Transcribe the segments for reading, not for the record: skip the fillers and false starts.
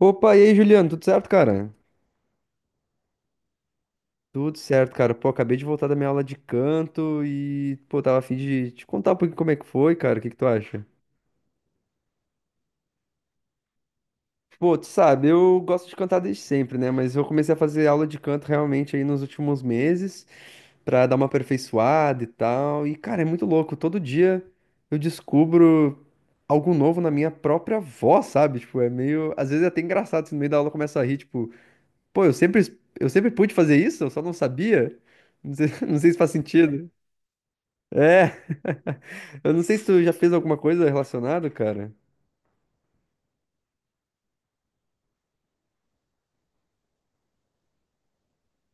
Opa, e aí, Juliano, tudo certo, cara? Tudo certo, cara. Pô, acabei de voltar da minha aula de canto e, pô, tava a fim de te contar um pouquinho como é que foi, cara. O que que tu acha? Pô, tu sabe, eu gosto de cantar desde sempre, né? Mas eu comecei a fazer aula de canto realmente aí nos últimos meses pra dar uma aperfeiçoada e tal. E, cara, é muito louco. Todo dia eu descubro algo novo na minha própria voz, sabe? Tipo, é meio. Às vezes é até engraçado, assim, no meio da aula começa a rir, tipo. Pô, eu sempre pude fazer isso, eu só não sabia. Não sei, não sei se faz sentido. É, eu não sei se tu já fez alguma coisa relacionada, cara.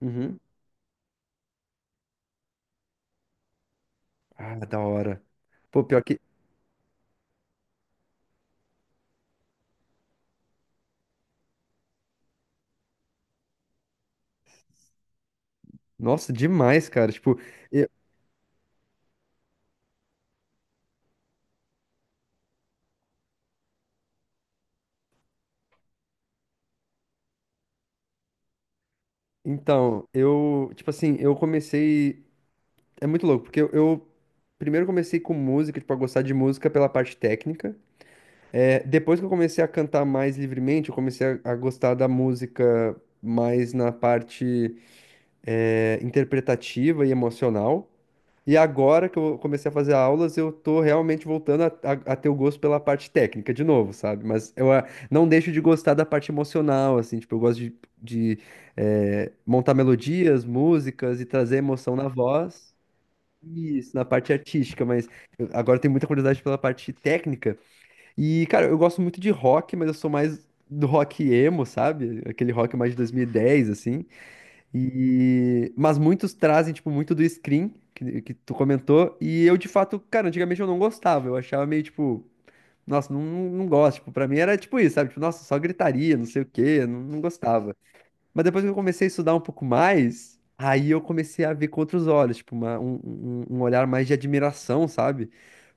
Uhum. Ah, da hora. Pô, pior que. Nossa, demais, cara. Tipo, eu- então, eu. Tipo assim, eu comecei. É muito louco, porque eu primeiro comecei com música, tipo, a gostar de música pela parte técnica. É, depois que eu comecei a cantar mais livremente, eu comecei a gostar da música mais na parte. Interpretativa e emocional. E agora que eu comecei a fazer aulas, eu tô realmente voltando a ter o gosto pela parte técnica de novo, sabe? Mas eu não deixo de gostar da parte emocional, assim, tipo, eu gosto de montar melodias, músicas e trazer emoção na voz. Isso, na parte artística, mas agora eu tenho muita curiosidade pela parte técnica. E, cara, eu gosto muito de rock, mas eu sou mais do rock emo, sabe? Aquele rock mais de 2010, assim. E... Mas muitos trazem, tipo, muito do screen que tu comentou. E eu, de fato, cara, antigamente eu não gostava. Eu achava meio, tipo, nossa, não, não gosto. Tipo, pra mim era tipo isso, sabe? Tipo, nossa, só gritaria, não sei o quê, não, não gostava. Mas depois que eu comecei a estudar um pouco mais, aí eu comecei a ver com outros olhos, tipo, um olhar mais de admiração, sabe?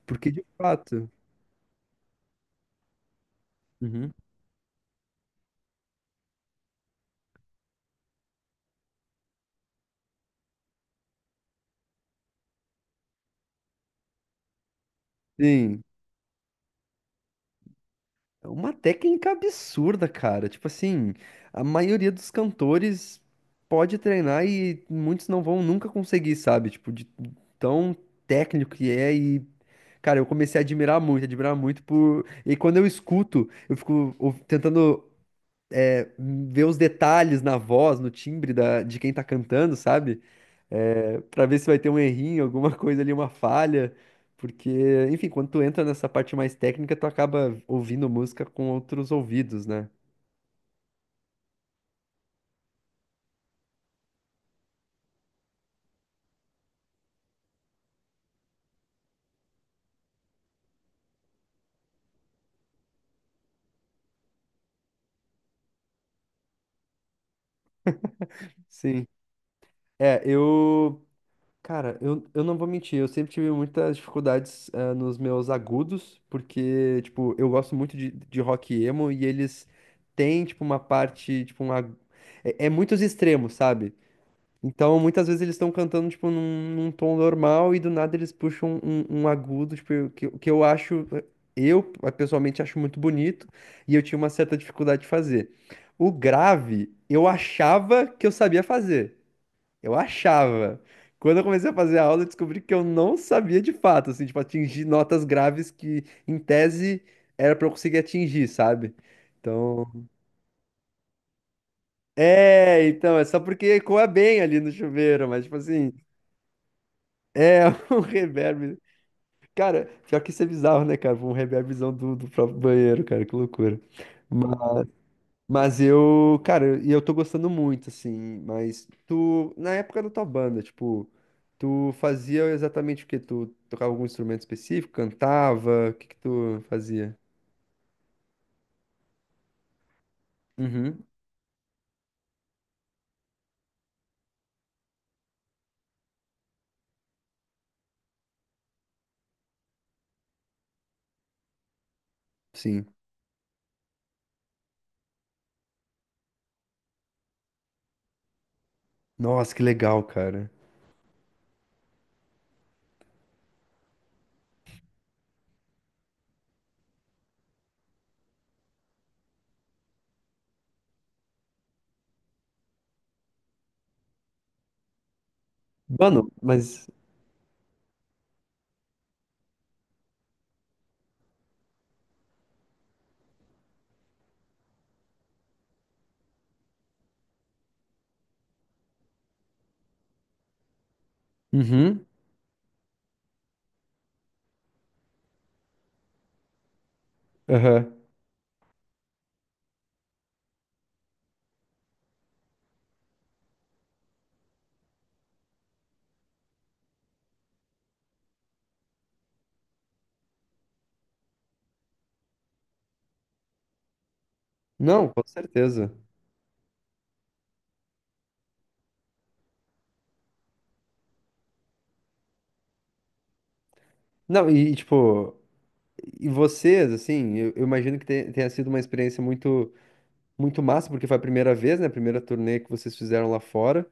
Porque, de fato. Uhum. Sim. É uma técnica absurda, cara. Tipo assim, a maioria dos cantores pode treinar e muitos não vão nunca conseguir, sabe? Tipo, de tão técnico que é. Cara, eu comecei a admirar muito por. E quando eu escuto, eu fico tentando ver os detalhes na voz, no timbre da, de quem tá cantando, sabe? É, para ver se vai ter um errinho, alguma coisa ali, uma falha. Porque, enfim, quando tu entra nessa parte mais técnica, tu acaba ouvindo música com outros ouvidos, né? Sim. É, eu. Cara, eu não vou mentir, eu sempre tive muitas dificuldades, nos meus agudos, porque, tipo, eu gosto muito de rock emo e eles têm, tipo, uma parte, tipo, É, é muitos extremos, sabe? Então, muitas vezes eles estão cantando, tipo, num tom normal e do nada eles puxam um agudo, tipo, que eu acho, eu pessoalmente acho muito bonito e eu tinha uma certa dificuldade de fazer. O grave, eu achava que eu sabia fazer. Eu achava. Quando eu comecei a fazer a aula, eu descobri que eu não sabia de fato, assim, tipo, atingir notas graves que, em tese, era pra eu conseguir atingir, sabe? Então, então, é só porque ecoa bem ali no chuveiro, mas, tipo assim. É, um reverb. Cara, pior que isso é bizarro, né, cara? Um reverbzão do próprio banheiro, cara, que loucura. Mas, mas eu, cara, e eu tô gostando muito, assim. Mas tu, na época da tua banda, tipo, tu fazia exatamente o quê? Tu tocava algum instrumento específico? Cantava? O que que tu fazia? Uhum. Sim. Nossa, que legal, cara. Mano, mas. Uhum. Aham. Não, com certeza. Não, e tipo. E vocês, assim, eu imagino que tenha sido uma experiência muito, muito massa, porque foi a primeira vez, né? A primeira turnê que vocês fizeram lá fora.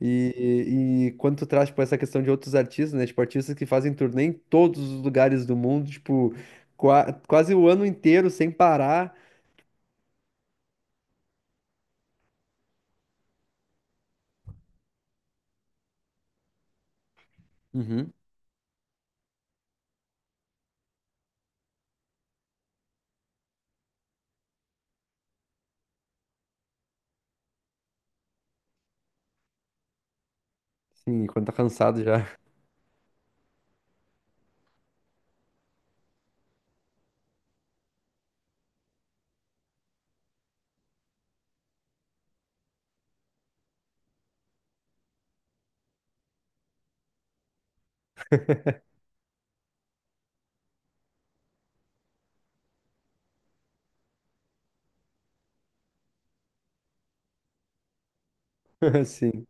E quando tu traz, tipo, essa questão de outros artistas, né? Tipo, artistas que fazem turnê em todos os lugares do mundo, tipo, quase o ano inteiro sem parar. Uhum. Sim, quando tá cansado já. Sim.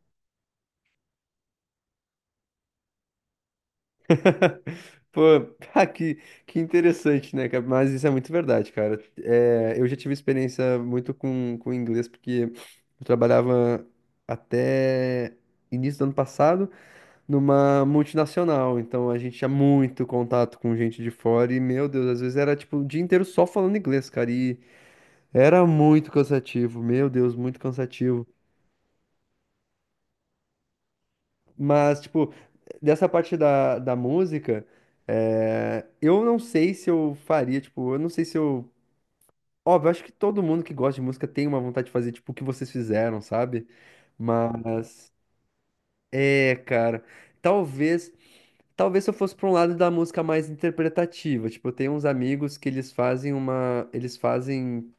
Pô, ah, que, que interessante, né, cara? Mas isso é muito verdade, cara. É, eu já tive experiência muito com inglês, porque eu trabalhava até início do ano passado numa multinacional, então a gente tinha muito contato com gente de fora e, meu Deus, às vezes era tipo o dia inteiro só falando inglês, cara, e era muito cansativo, meu Deus, muito cansativo. Mas, tipo, dessa parte da música. É, eu não sei se eu faria, tipo, eu não sei se eu. Óbvio, acho que todo mundo que gosta de música tem uma vontade de fazer tipo o que vocês fizeram, sabe? Mas é, cara, talvez, talvez se eu fosse para um lado da música mais interpretativa, tipo, eu tenho uns amigos que eles fazem uma, eles fazem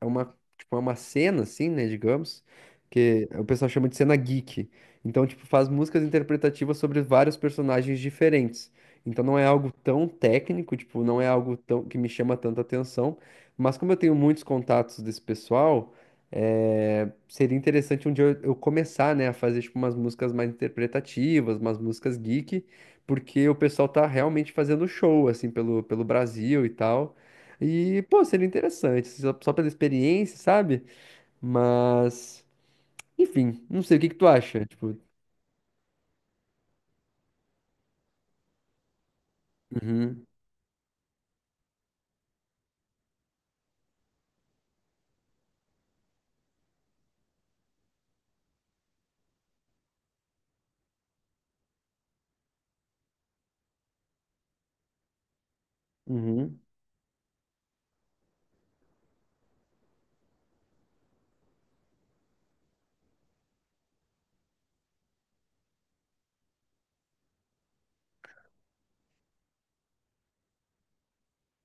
uma, tipo, é uma cena, assim, né, digamos, que o pessoal chama de cena geek. Então, tipo, faz músicas interpretativas sobre vários personagens diferentes. Então não é algo tão técnico, tipo, não é algo tão que me chama tanta atenção, mas como eu tenho muitos contatos desse pessoal, é, seria interessante um dia eu começar, né, a fazer tipo umas músicas mais interpretativas, umas músicas geek, porque o pessoal tá realmente fazendo show assim pelo, pelo Brasil e tal. E, pô, seria interessante, só pela experiência, sabe? Mas, enfim, não sei o que que tu acha, tipo, uhum, uhum.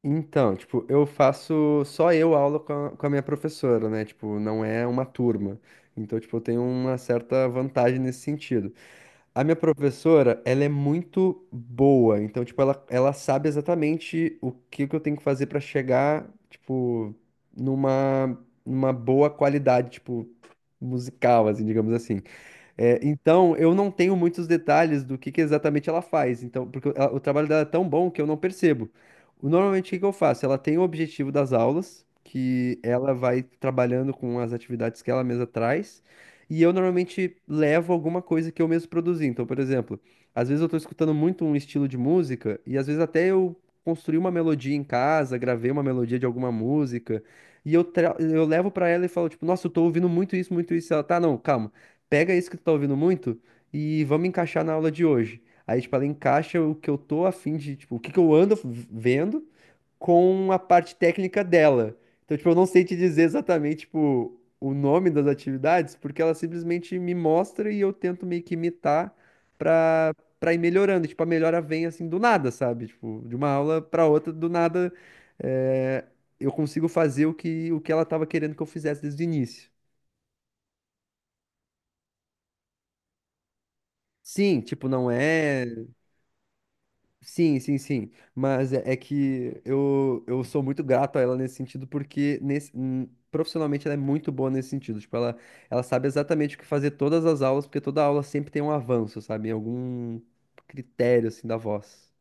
Então, tipo, eu faço só eu aula com a minha professora, né? Tipo, não é uma turma. Então, tipo, eu tenho uma certa vantagem nesse sentido. A minha professora, ela é muito boa, então, tipo, ela sabe exatamente o que que eu tenho que fazer pra chegar, tipo, numa, numa boa qualidade, tipo, musical, assim, digamos assim. É, então, eu não tenho muitos detalhes do que exatamente ela faz. Então, porque o trabalho dela é tão bom que eu não percebo. Normalmente, o que, que eu faço? Ela tem o objetivo das aulas, que ela vai trabalhando com as atividades que ela mesma traz, e eu normalmente levo alguma coisa que eu mesmo produzi. Então, por exemplo, às vezes eu estou escutando muito um estilo de música, e às vezes até eu construí uma melodia em casa, gravei uma melodia de alguma música, e eu, eu levo para ela e falo, tipo, nossa, eu tô ouvindo muito isso, muito isso. Ela, tá, não, calma, pega isso que tu tá ouvindo muito e vamos encaixar na aula de hoje. Aí, tipo, ela encaixa o que eu tô a fim de, tipo, o que que eu ando vendo com a parte técnica dela. Então, tipo, eu não sei te dizer exatamente, tipo, o nome das atividades, porque ela simplesmente me mostra e eu tento meio que imitar pra, pra ir melhorando. Tipo, a melhora vem assim do nada, sabe? Tipo, de uma aula pra outra, do nada, é, eu consigo fazer o que ela tava querendo que eu fizesse desde o início. Sim, tipo, não é. Sim, sim, sim. Mas é, é que eu sou muito grato a ela nesse sentido, porque nesse, profissionalmente ela é muito boa nesse sentido. Tipo, ela sabe exatamente o que fazer todas as aulas, porque toda aula sempre tem um avanço, sabe? Em algum critério, assim, da voz.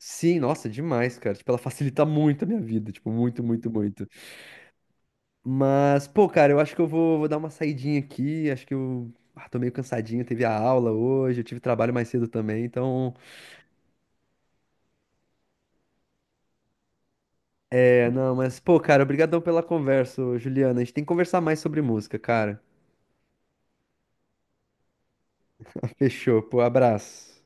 Sim, nossa, demais, cara. Tipo, ela facilita muito a minha vida. Tipo, muito, muito, muito. Mas, pô, cara, eu acho que vou dar uma saidinha aqui. Acho que eu tô meio cansadinho. Teve a aula hoje, eu tive trabalho mais cedo também, então. É, não, mas, pô, cara, obrigadão pela conversa, ô, Juliana. A gente tem que conversar mais sobre música, cara. Fechou, pô, abraço.